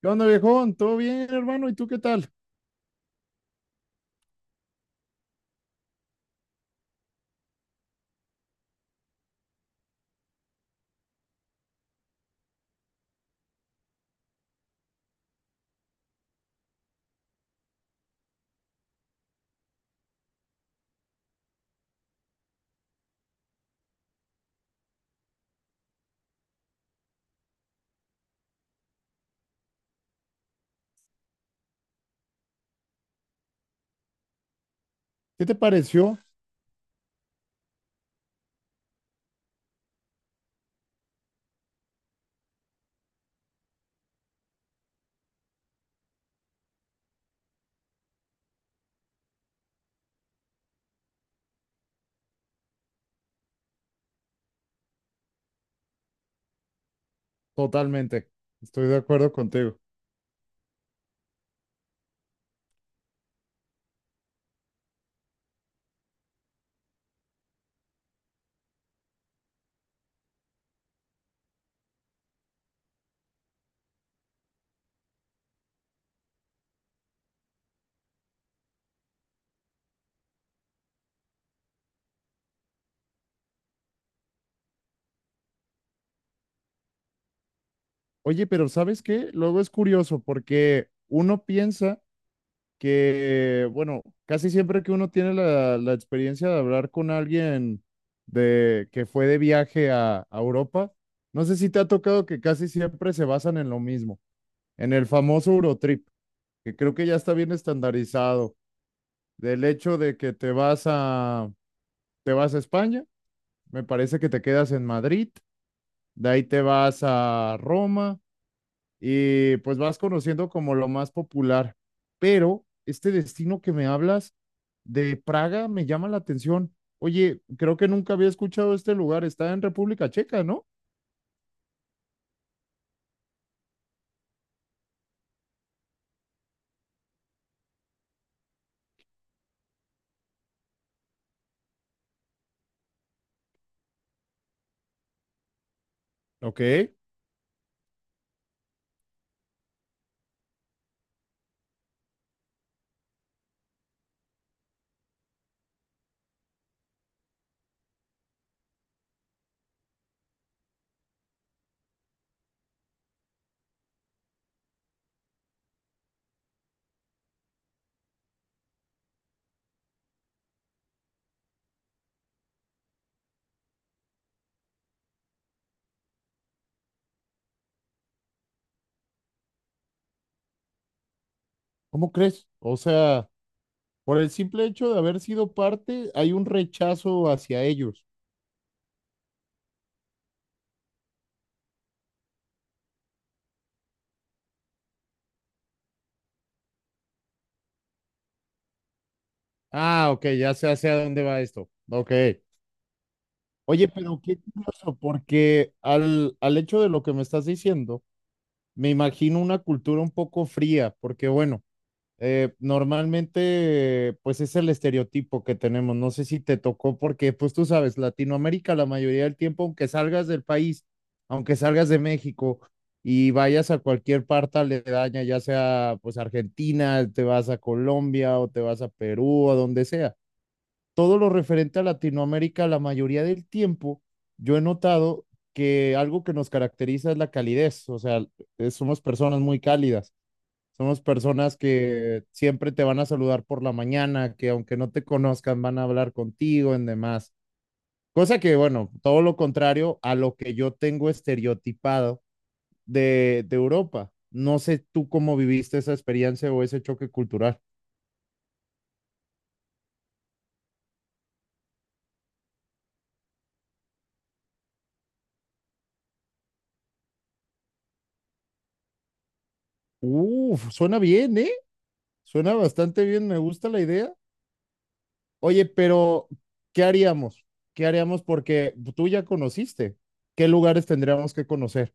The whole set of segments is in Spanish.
¿Qué onda, viejón? ¿Todo bien, hermano? ¿Y tú qué tal? ¿Qué te pareció? Totalmente. Estoy de acuerdo contigo. Oye, pero ¿sabes qué? Luego es curioso porque uno piensa que, bueno, casi siempre que uno tiene la experiencia de hablar con alguien de que fue de viaje a Europa, no sé si te ha tocado que casi siempre se basan en lo mismo, en el famoso Eurotrip, que creo que ya está bien estandarizado, del hecho de que te vas a España. Me parece que te quedas en Madrid, de ahí te vas a Roma y pues vas conociendo como lo más popular. Pero este destino que me hablas de Praga me llama la atención. Oye, creo que nunca había escuchado este lugar. Está en República Checa, ¿no? Ok. ¿Cómo crees? O sea, por el simple hecho de haber sido parte, hay un rechazo hacia ellos. Ah, ok, ya sé hacia dónde va esto. Ok. Oye, pero qué curioso, porque al hecho de lo que me estás diciendo, me imagino una cultura un poco fría, porque bueno, normalmente pues es el estereotipo que tenemos, no sé si te tocó, porque pues tú sabes, Latinoamérica la mayoría del tiempo, aunque salgas del país, aunque salgas de México y vayas a cualquier parte aledaña, ya sea pues Argentina, te vas a Colombia o te vas a Perú o donde sea, todo lo referente a Latinoamérica, la mayoría del tiempo, yo he notado que algo que nos caracteriza es la calidez, o sea, somos personas muy cálidas, somos personas que siempre te van a saludar por la mañana, que aunque no te conozcan van a hablar contigo en demás. Cosa que, bueno, todo lo contrario a lo que yo tengo estereotipado de Europa. No sé tú cómo viviste esa experiencia o ese choque cultural. Uf, suena bien, ¿eh? Suena bastante bien, me gusta la idea. Oye, pero ¿qué haríamos? ¿Qué haríamos? Porque tú ya conociste. ¿Qué lugares tendríamos que conocer?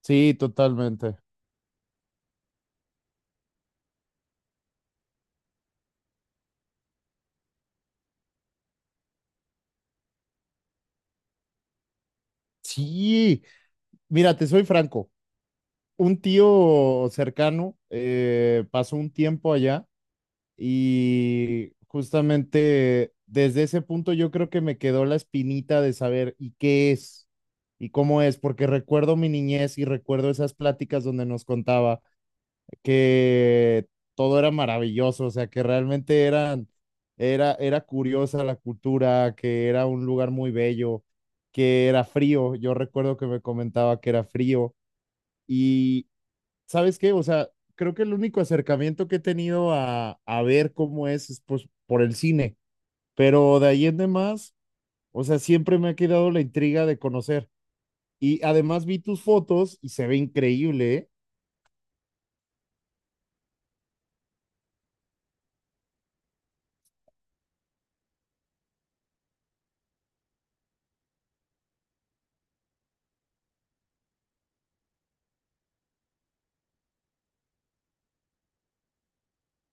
Sí, totalmente. Sí, mira, te soy franco. Un tío cercano pasó un tiempo allá y justamente desde ese punto yo creo que me quedó la espinita de saber y qué es y cómo es, porque recuerdo mi niñez y recuerdo esas pláticas donde nos contaba que todo era maravilloso, o sea, que realmente eran, era, era curiosa la cultura, que era un lugar muy bello, que era frío. Yo recuerdo que me comentaba que era frío. Y, ¿sabes qué? O sea, creo que el único acercamiento que he tenido a ver cómo es pues, por el cine, pero de ahí en demás, o sea, siempre me ha quedado la intriga de conocer. Y además vi tus fotos y se ve increíble, ¿eh?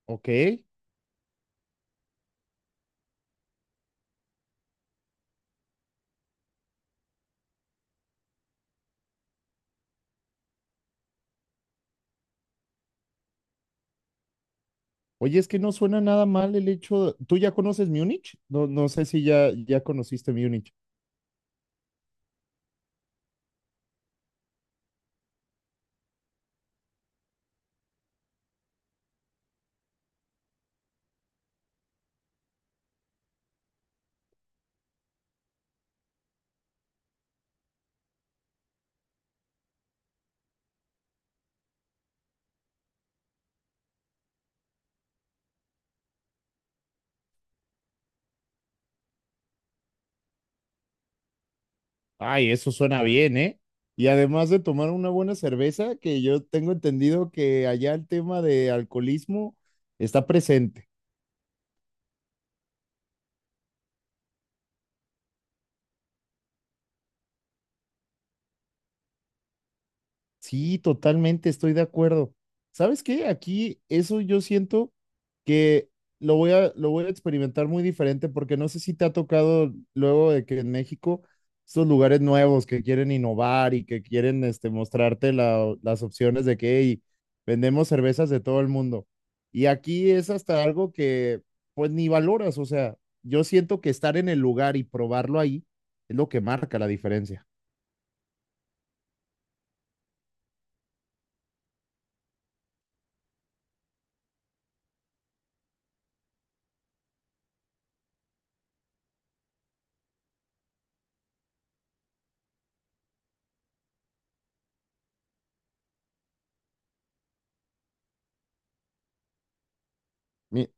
¿Ok? Oye, es que no suena nada mal el hecho. ¿Tú ya conoces Múnich? No, no sé si ya conociste Múnich. Ay, eso suena bien, ¿eh? Y además de tomar una buena cerveza, que yo tengo entendido que allá el tema de alcoholismo está presente. Sí, totalmente, estoy de acuerdo. ¿Sabes qué? Aquí eso yo siento que lo voy a experimentar muy diferente porque no sé si te ha tocado luego de que en México estos lugares nuevos que quieren innovar y que quieren este, mostrarte las opciones de que "Hey, vendemos cervezas de todo el mundo". Y aquí es hasta algo que pues ni valoras, o sea, yo siento que estar en el lugar y probarlo ahí es lo que marca la diferencia. Mi-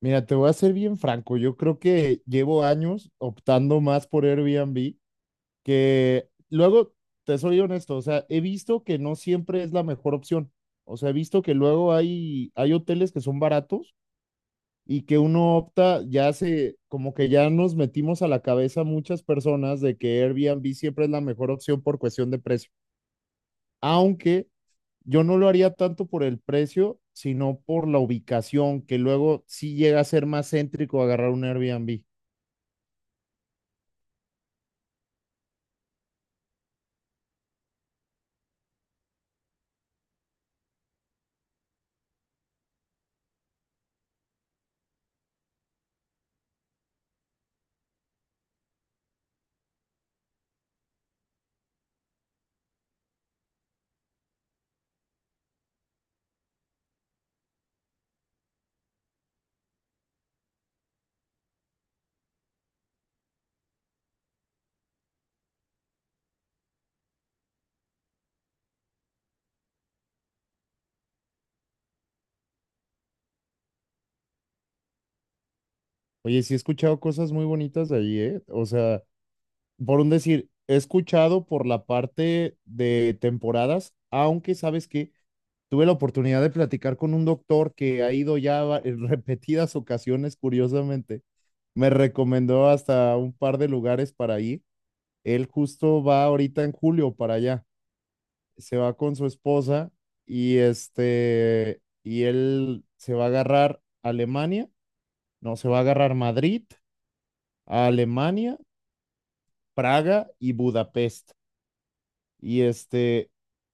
Mira, te voy a ser bien franco. Yo creo que llevo años optando más por Airbnb que luego, te soy honesto, o sea, he visto que no siempre es la mejor opción. O sea, he visto que luego hay, hay hoteles que son baratos y que uno opta, ya se, como que ya nos metimos a la cabeza muchas personas de que Airbnb siempre es la mejor opción por cuestión de precio. Aunque yo no lo haría tanto por el precio, sino por la ubicación, que luego sí llega a ser más céntrico agarrar un Airbnb. Oye, sí he escuchado cosas muy bonitas de ahí, ¿eh? O sea, por un decir, he escuchado por la parte de temporadas, aunque sabes que tuve la oportunidad de platicar con un doctor que ha ido en repetidas ocasiones, curiosamente. Me recomendó hasta un par de lugares para ir. Él justo va ahorita en julio para allá. Se va con su esposa y este, y él se va a agarrar Alemania, no, se va a agarrar Madrid, a Alemania, Praga y Budapest. Y este,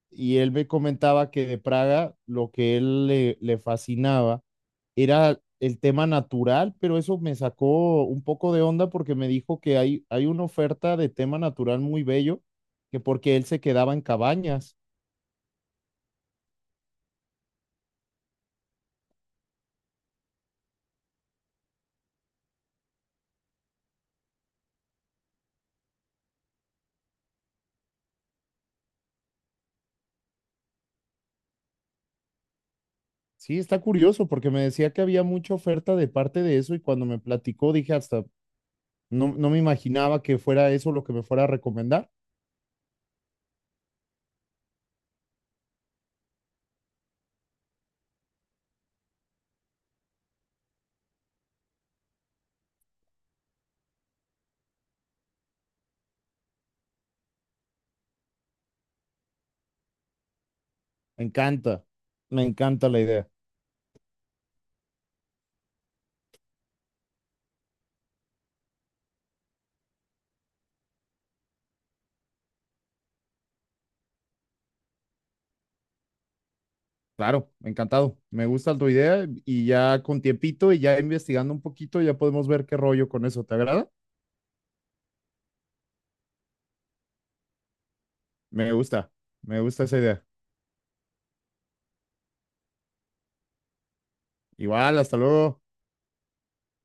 y él me comentaba que de Praga lo que él le, le fascinaba era el tema natural, pero eso me sacó un poco de onda porque me dijo que hay una oferta de tema natural muy bello, que porque él se quedaba en cabañas. Sí, está curioso porque me decía que había mucha oferta de parte de eso y cuando me platicó dije hasta, no, no me imaginaba que fuera eso lo que me fuera a recomendar. Me encanta, me encanta la idea. Claro, encantado. Me gusta tu idea y ya con tiempito y ya investigando un poquito ya podemos ver qué rollo con eso. ¿Te agrada? Me gusta, me gusta esa idea. Igual, hasta luego.